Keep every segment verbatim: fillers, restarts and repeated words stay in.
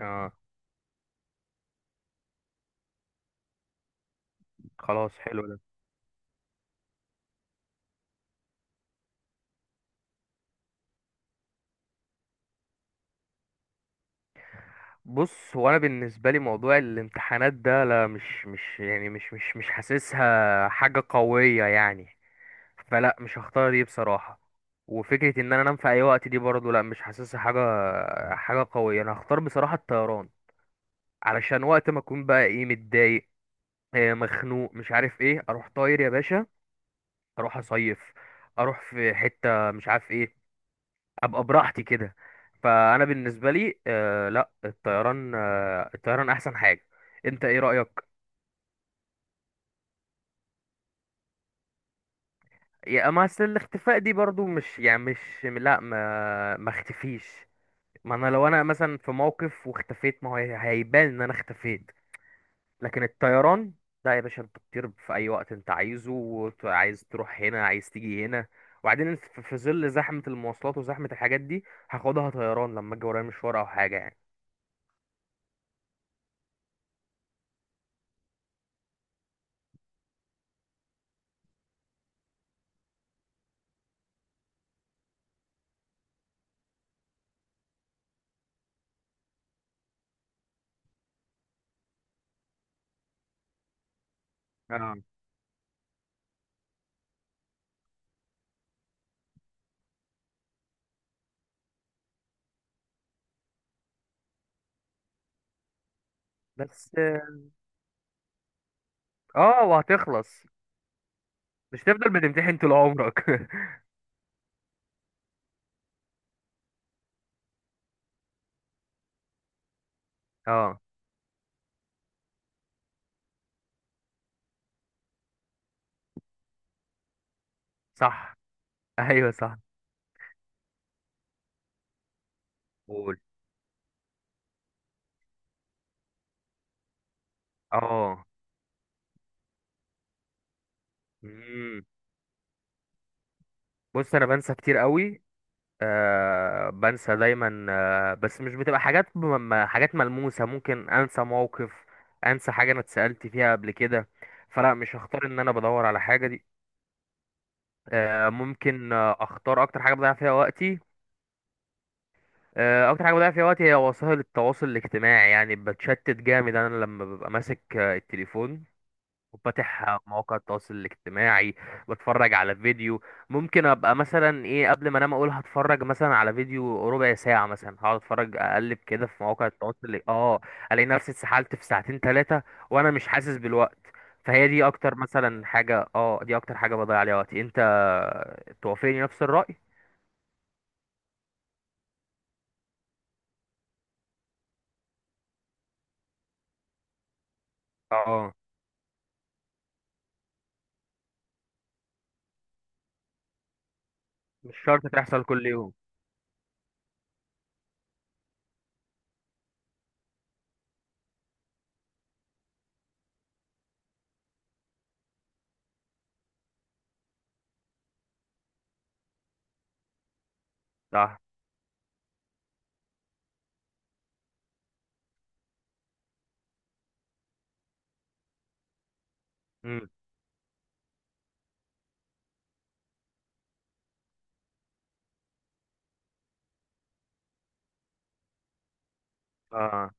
اه، خلاص حلو ده. بص، هو انا بالنسبه لي موضوع الامتحانات ده لا، مش مش يعني مش مش مش حاسسها حاجه قويه يعني، فلا مش هختار دي بصراحه. وفكره ان انا انام في اي وقت دي برضه لا، مش حاسسها حاجه حاجه قويه. انا هختار بصراحه الطيران، علشان وقت ما اكون بقى ايه، متضايق، آه، مخنوق، مش عارف ايه، اروح طاير يا باشا، اروح اصيف، اروح في حته مش عارف ايه، ابقى براحتي كده. فانا بالنسبه لي آه لا، الطيران آه الطيران احسن حاجه. انت ايه رايك؟ يا اما اصل الاختفاء دي برضو مش يعني مش لا، ما ما اختفيش. ما انا لو انا مثلا في موقف واختفيت، ما هو هي- هيبان ان انا اختفيت. لكن الطيران، لا يا باشا، انت بتطير في اي وقت انت عايزه، وت- عايز تروح هنا، عايز تيجي هنا. وبعدين انت في في ظل زحمه المواصلات وزحمه الحاجات دي، هاخدها طيران لما اجي ورايا مشوار او حاجه يعني. اه بس. اه وهتخلص. مش هتفضل بتمتحن طول عمرك اه صح. ايوه صح. قول. اه. مم. بص، انا بنسى كتير قوي، آه بنسى دايما، آه بس مش بتبقى حاجات م- م- حاجات ملموسة. ممكن انسى موقف، انسى حاجة انا اتسألت فيها قبل كده، فلا مش هختار ان انا بدور على حاجة دي. آه ممكن آه، اختار اكتر حاجة بضيع فيها وقتي. آه، اكتر حاجه بضيع فيها وقتي هي وسائل التواصل الاجتماعي، يعني بتشتت جامد. انا لما ببقى ماسك آه، التليفون وفاتح مواقع التواصل الاجتماعي، بتفرج على فيديو. ممكن ابقى مثلا ايه، قبل ما انام اقول هتفرج مثلا على فيديو ربع ساعة، مثلا هقعد اتفرج، اقلب كده في مواقع التواصل ال- اه، الاقي نفسي اتسحلت في ساعتين ثلاثة وانا مش حاسس بالوقت. فهي دي اكتر مثلا حاجة، اه دي اكتر حاجة بضيع عليها وقتي. انت توافقني نفس الرأي؟ اه، مش شرط تحصل كل يوم. صح. امم. اه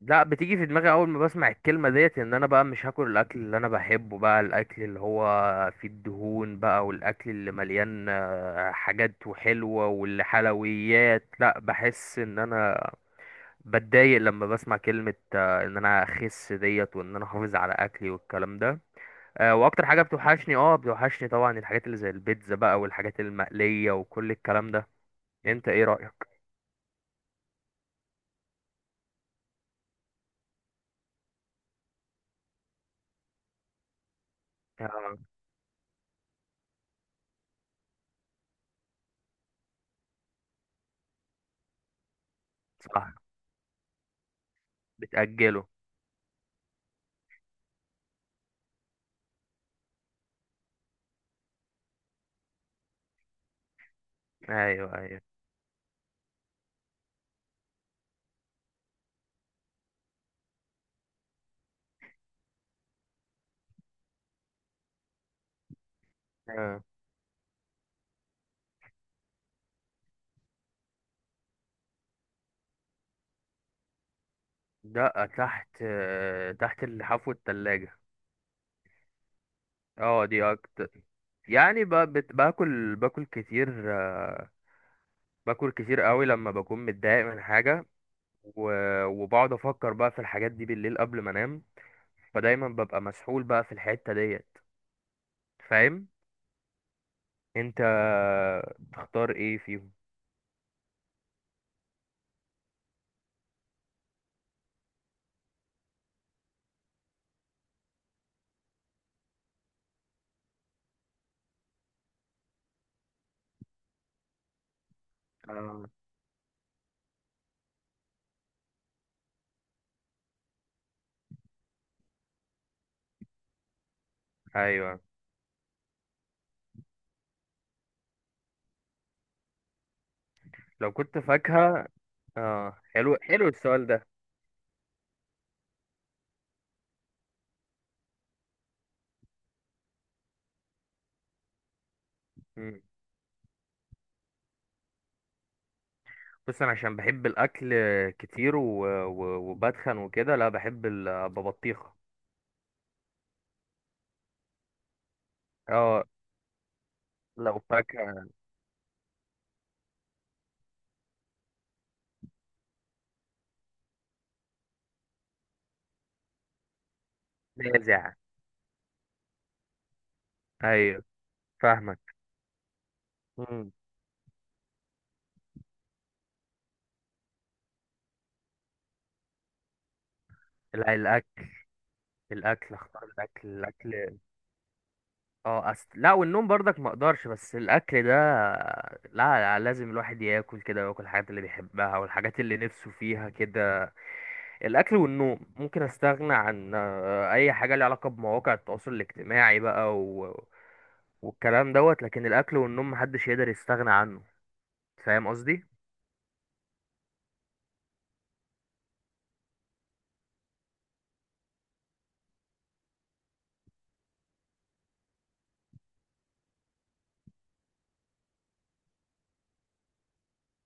لا، بتيجي في دماغي اول ما بسمع الكلمه ديت ان انا بقى مش هاكل الاكل اللي انا بحبه، بقى الاكل اللي هو فيه الدهون بقى، والاكل اللي مليان آه، حاجات وحلوه والحلويات. لا، بحس ان انا بتضايق لما بسمع كلمه آه، ان انا اخس ديت، وان انا احافظ على اكلي والكلام ده. آه، واكتر حاجه بتوحشني، اه بتوحشني طبعا، الحاجات اللي زي البيتزا بقى، والحاجات المقليه وكل الكلام ده. انت ايه رايك؟ آه، صح. بتاجله. ايوه ايوه. آه. لا تحت، آه، تحت الحفو التلاجة. اه دي أكتر. يعني ب... بت... باكل باكل كتير، آه، باكل كتير قوي لما بكون متضايق من حاجة، و... وبقعد أفكر بقى في الحاجات دي بالليل قبل ما أنام، فدايما ببقى مسحول بقى في الحتة ديت. فاهم؟ انت تختار ايه فيهم؟ آه. ايوه. لو كنت فاكهة، اه حلو حلو السؤال ده. بس انا عشان بحب الاكل كتير و... و... وبتخن وكده، لا بحب ال- ببطيخه. اه لو فاكهه، نازع. ايوه. فاهمك. مم. لا، الاكل. الاكل، اختار الاكل، الاكل. اه أست... لا، والنوم برضك ما اقدرش، بس الاكل ده لا، لا لازم الواحد ياكل كده، وياكل الحاجات اللي بيحبها والحاجات اللي نفسه فيها كده. الاكل والنوم ممكن استغنى عن آه، اي حاجه ليها علاقه بمواقع التواصل الاجتماعي بقى و... والكلام دوت، لكن الاكل والنوم محدش يقدر يستغنى عنه. فاهم قصدي؟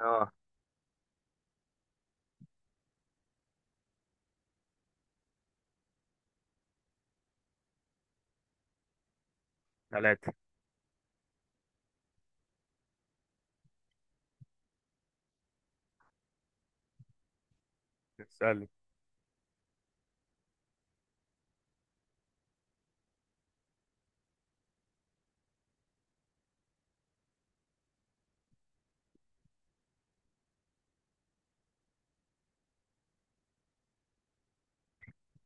اه. ثلاثة.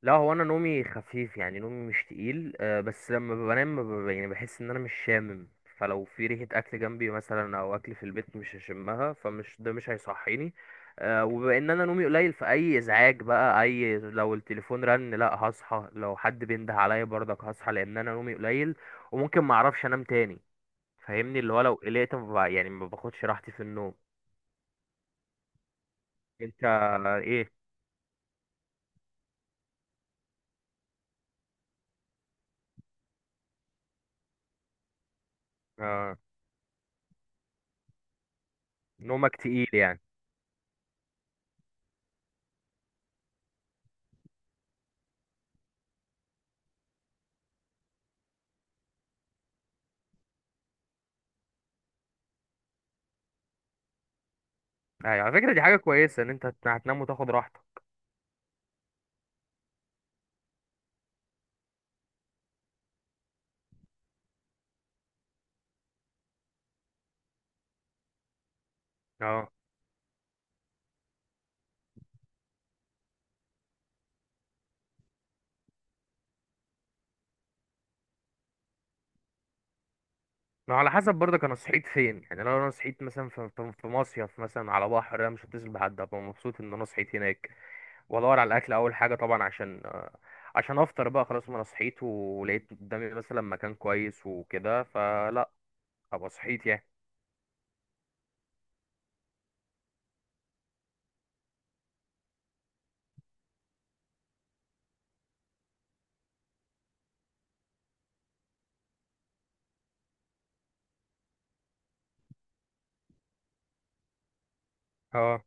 لا، هو انا نومي خفيف، يعني نومي مش تقيل، آه، بس لما بنام ب- يعني بحس ان انا مش شامم، فلو في ريحة اكل جنبي مثلا او اكل في البيت مش هشمها، فمش ده مش هيصحيني. آه، وبما ان انا نومي قليل، فاي ازعاج بقى، اي، لو التليفون رن لا هصحى، لو حد بينده عليا برضك هصحى، لان انا نومي قليل وممكن ما اعرفش انام تاني. فاهمني، اللي هو لو قلقت ما بع- يعني ما باخدش راحتي في النوم. انت ايه؟ آه، نومك تقيل يعني؟ أيوة، على فكرة دي حاجة كويسة ان انت هت- هتنام وتاخد راحتك. اه. ما على حسب برضه انا صحيت فين يعني. لو انا صحيت مثلا في في في مصيف مثلا على بحر، انا مش هتصل بحد، ابقى مبسوط ان انا صحيت هناك، وادور على الاكل اول حاجه طبعا، عشان آه، عشان افطر بقى. خلاص، ما انا صحيت ولقيت قدامي مثلا مكان كويس وكده، فلا ابقى صحيت يعني. اه.